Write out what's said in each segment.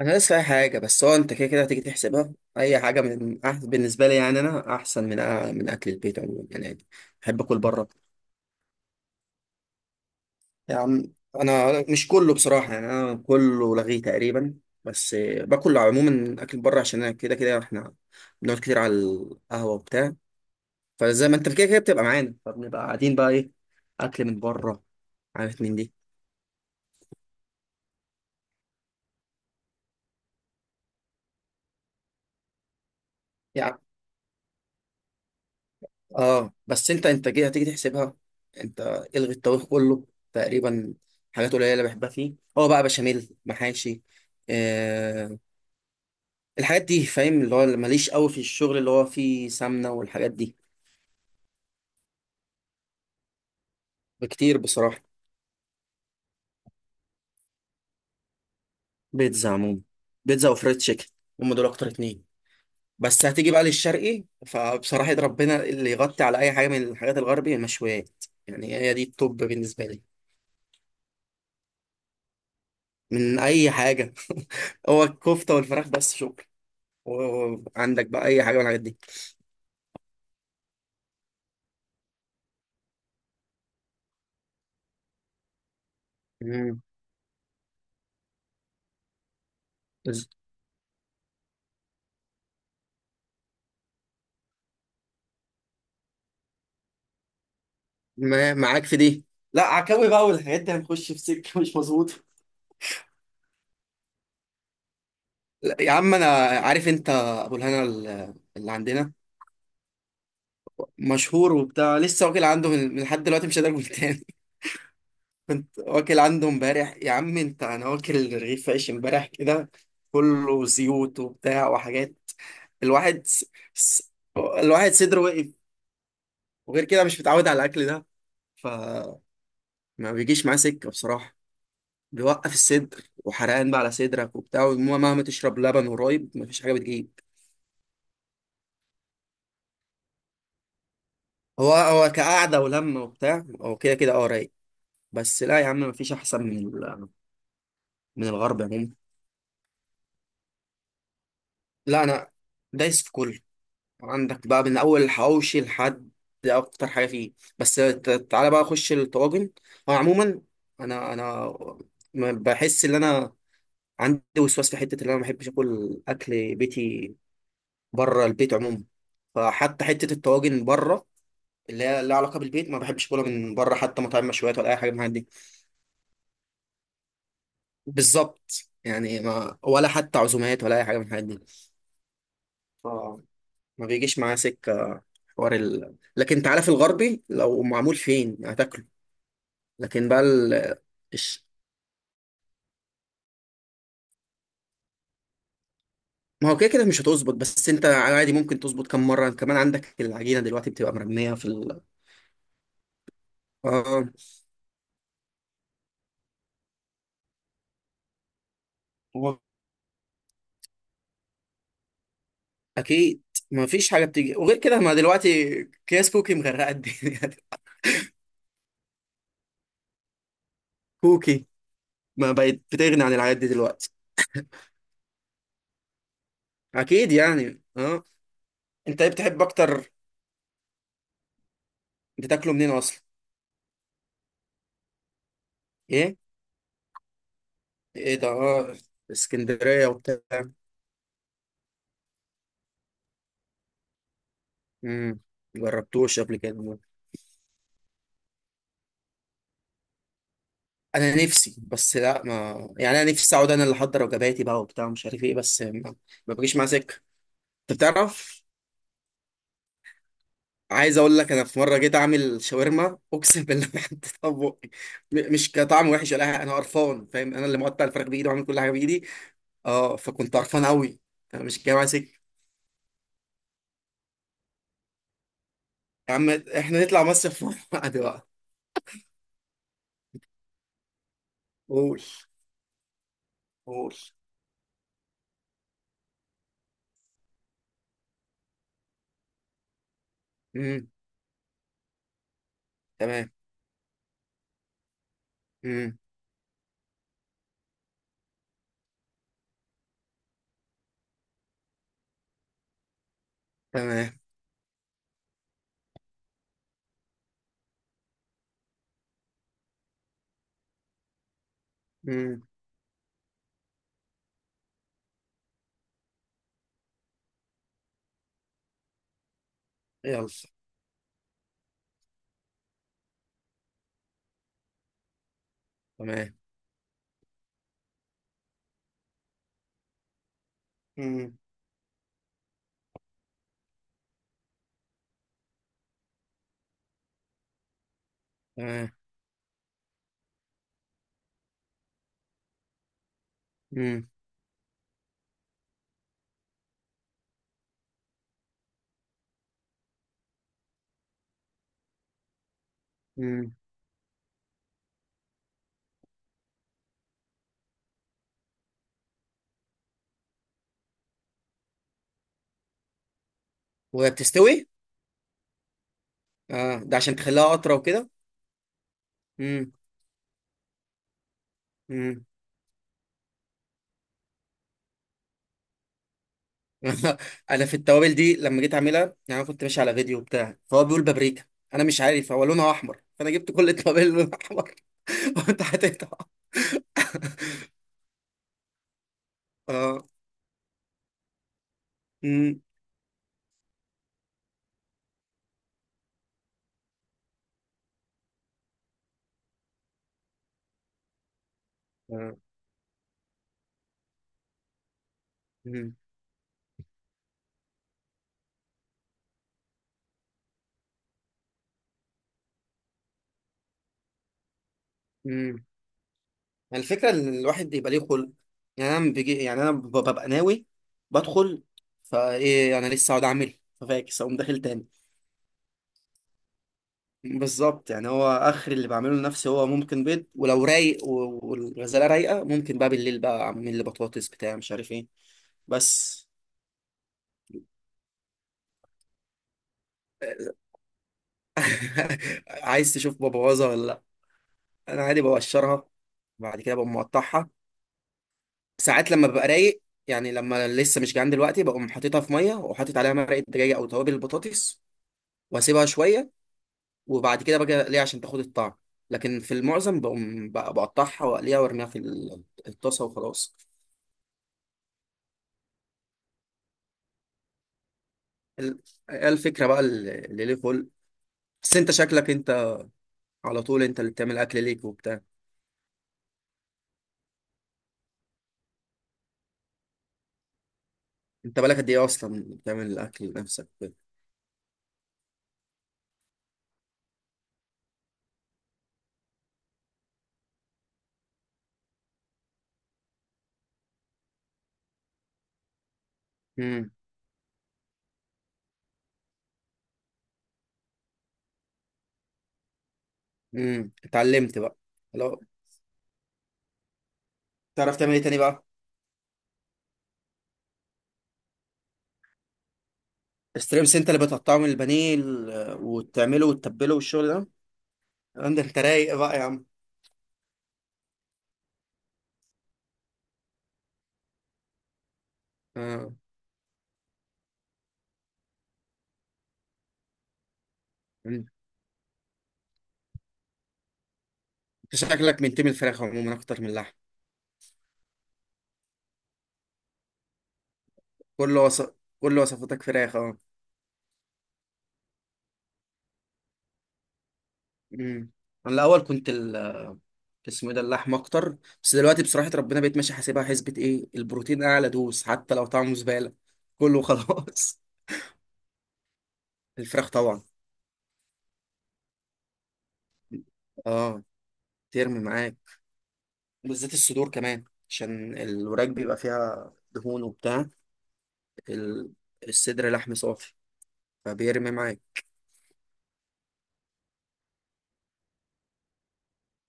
انا لسه اي حاجه. بس هو انت كده كده هتيجي تحسبها اي حاجه بالنسبه لي، يعني انا احسن من اكل البيت عموما يعني. بحب اكل بره. يعني انا مش كله بصراحه، يعني انا كله لغيه تقريبا. بس باكل عموما اكل بره عشان انا كده كده احنا بنقعد كتير على القهوه وبتاع، فزي ما انت كده كده بتبقى معانا فبنبقى قاعدين بقى ايه، اكل من بره. عارف من دي. يعني اه، بس انت انتاجيه هتيجي تحسبها. انت الغي الطبيخ كله تقريبا. حاجات قليله اللي بحبها فيه هو بقى بشاميل، محاشي، آه، الحاجات دي فاهم، اللي هو اللي ماليش قوي في الشغل اللي هو فيه سمنه والحاجات دي. بكتير بصراحه. بيتزا عموما، بيتزا وفريد تشيكن. هم دول اكتر اتنين. بس هتيجي بقى للشرقي فبصراحه يد ربنا اللي يغطي على اي حاجه من الحاجات الغربي، المشويات يعني، هي دي التوب بالنسبه لي. من اي حاجه. هو الكفته والفراخ بس، شكرا. وعندك بقى اي حاجه من الحاجات دي. مم. بس- ما معاك في دي. لا عكاوي بقى والحاجات دي هنخش في سكه مش مظبوطه. لا، يا عم انا عارف انت ابو الهنا اللي عندنا مشهور وبتاع، لسه واكل عنده من لحد دلوقتي، مش قادر اقول تاني. كنت واكل عنده امبارح يا عم، انت انا واكل رغيف عيش امبارح كده كله زيوت وبتاع وحاجات. الواحد س... س... الواحد صدره وقف. وغير كده مش متعود على الاكل ده، فما بيجيش معاه سكه بصراحه. بيوقف الصدر وحرقان بقى على صدرك وبتاع، ومهما تشرب لبن ورايب مفيش حاجه بتجيب. هو هو كقعده ولمه وبتاع، هو كده كده اه رايق. بس لا يا عم مفيش احسن من الغرب عموما. لا انا دايس في كله. عندك بقى من اول الحواوشي لحد اكتر حاجه فيه. بس تعالى بقى اخش الطواجن. هو عموما انا ما بحس ان انا عندي وسواس في حته، اللي انا ما بحبش اكل اكل بيتي بره البيت عموما. فحتى حته الطواجن بره، اللي هي لها علاقه بالبيت، ما بحبش اكلها من بره، حتى مطاعم مشويات ولا اي حاجه من الحاجات دي. بالظبط. يعني ما ولا حتى عزومات ولا اي حاجه من الحاجات دي. ف- ما بيجيش معايا سكه. لكن انت عارف الغربي لو معمول فين هتاكله. لكن بقى ال... الش- ما هو كده كده مش هتظبط، بس انت عادي ممكن تظبط كم مره كمان، عندك العجينه دلوقتي بتبقى مرميه اه. هو اكيد ما فيش حاجه بتيجي، وغير كده ما دلوقتي كياس كوكي مغرقه الدنيا. كوكي ما بقت بتغني عن العادات دي دلوقتي. اكيد يعني اه. انت ايه بتحب اكتر؟ بتاكله منين اصلا؟ ايه؟ ايه ده اه، اسكندريه وبتاع. امم جربتوش قبل كده. انا نفسي، بس لا ما، يعني انا نفسي اقعد انا اللي احضر وجباتي بقى وبتاع، مش عارف ايه، بس ما, ما بجيش مع سكه. انت بتعرف. عايز اقول لك، انا في مره جيت اعمل شاورما اقسم بالله ما حطيتها في بقي. مش كطعم وحش ولا حاجة، انا قرفان فاهم، انا اللي مقطع الفراخ بايدي وعامل كل حاجه بايدي، اه، فكنت قرفان قوي. انا مش جاي مع سكه. يا عم احنا نطلع مصيف مع بعض بقى. قول. قول. امم. تمام. امم. تمام. امم. يلا. تمام. امم. تمام. امم. امم. وهي بتستوي؟ اه ده عشان تخليها اطرى وكده. امم. امم. انا في التوابل دي لما جيت اعملها، يعني انا كنت ماشي على فيديو بتاع فهو بيقول بابريكا، انا مش عارف هو لونها احمر فانا جبت كل التوابل اللي لونها احمر. وانت حطيتها؟ اه. امم. آه. امم. يعني الفكرة إن الواحد يبقى ليه خلق. يعني أنا بيجي، يعني أنا ببقى ناوي بدخل، فإيه أنا لسه هقعد أعمل ففاكس أقوم داخل تاني. بالظبط. يعني هو آخر اللي بعمله لنفسي هو ممكن بيض، ولو رايق والغزالة رايقة ممكن بقى بالليل بقى أعمل لي بطاطس بتاع مش عارف إيه. بس. عايز تشوف ببوظها ولا لأ؟ أنا عادي بقشرها، بعد كده بقوم مقطعها. ساعات لما ببقى رايق، يعني لما لسه مش جعان دلوقتي، بقوم حاططها في ميه وحاطط عليها مرقه دجاج او توابل البطاطس واسيبها شويه، وبعد كده باجي اقليها عشان تاخد الطعم. لكن في المعظم بقوم بقطعها واقليها وارميها في الطاسه وخلاص. ال- هي الفكره بقى اللي ليه خلق. بس انت شكلك انت على طول انت اللي بتعمل اكل ليك وبتاع. انت بالك قد ايه اصلا بتعمل الاكل لنفسك وكده؟ امم. امم. اتعلمت بقى. لو تعرف تعمل ايه تاني بقى؟ الستريمس انت اللي بتقطعه من البانيه وتعمله وتتبله والشغل ده؟ عندك انت رايق بقى يا عم. اه. انت شكلك منتمي الفراخ عموما اكتر من اللحم. كل وصف، كل وصفاتك فراخ اه. امم. انا الاول كنت اسمه إيه ده، اللحم اكتر. بس دلوقتي بصراحه ربنا، بقيت ماشي حاسبها حسبه ايه البروتين اعلى دوس، حتى لو طعمه زباله كله خلاص. الفراخ طبعا. اه ترمي معاك. بالذات الصدور كمان عشان الوراك بيبقى فيها دهون وبتاع. ال... الصدر لحم صافي، فبيرمي معاك.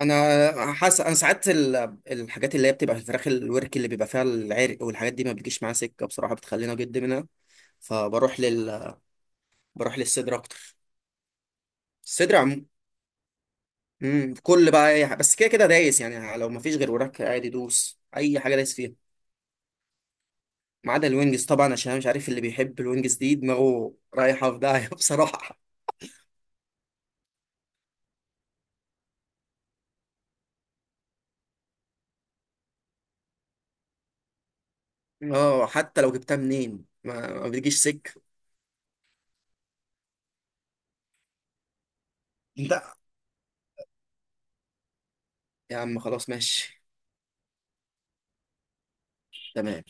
انا حاسس انا ساعات الحاجات اللي هي بتبقى في الفراخ الورك اللي بيبقى فيها العرق والحاجات دي ما بتجيش معاها سكه بصراحه، بتخلينا جد. فبروح لل بروح للصدر اكتر. الصدر عم. مم. كل بقى اي حاجه، بس كده كده دايس يعني، لو مفيش غير وراك عادي دوس، اي حاجه دايس فيها. ما عدا الوينجز طبعا، عشان أنا مش عارف اللي بيحب الوينجز دي دماغه رايحه في داهيه بصراحه. اه حتى لو جبتها منين ما بتجيش سكه. لا يا عم خلاص ماشي. تمام.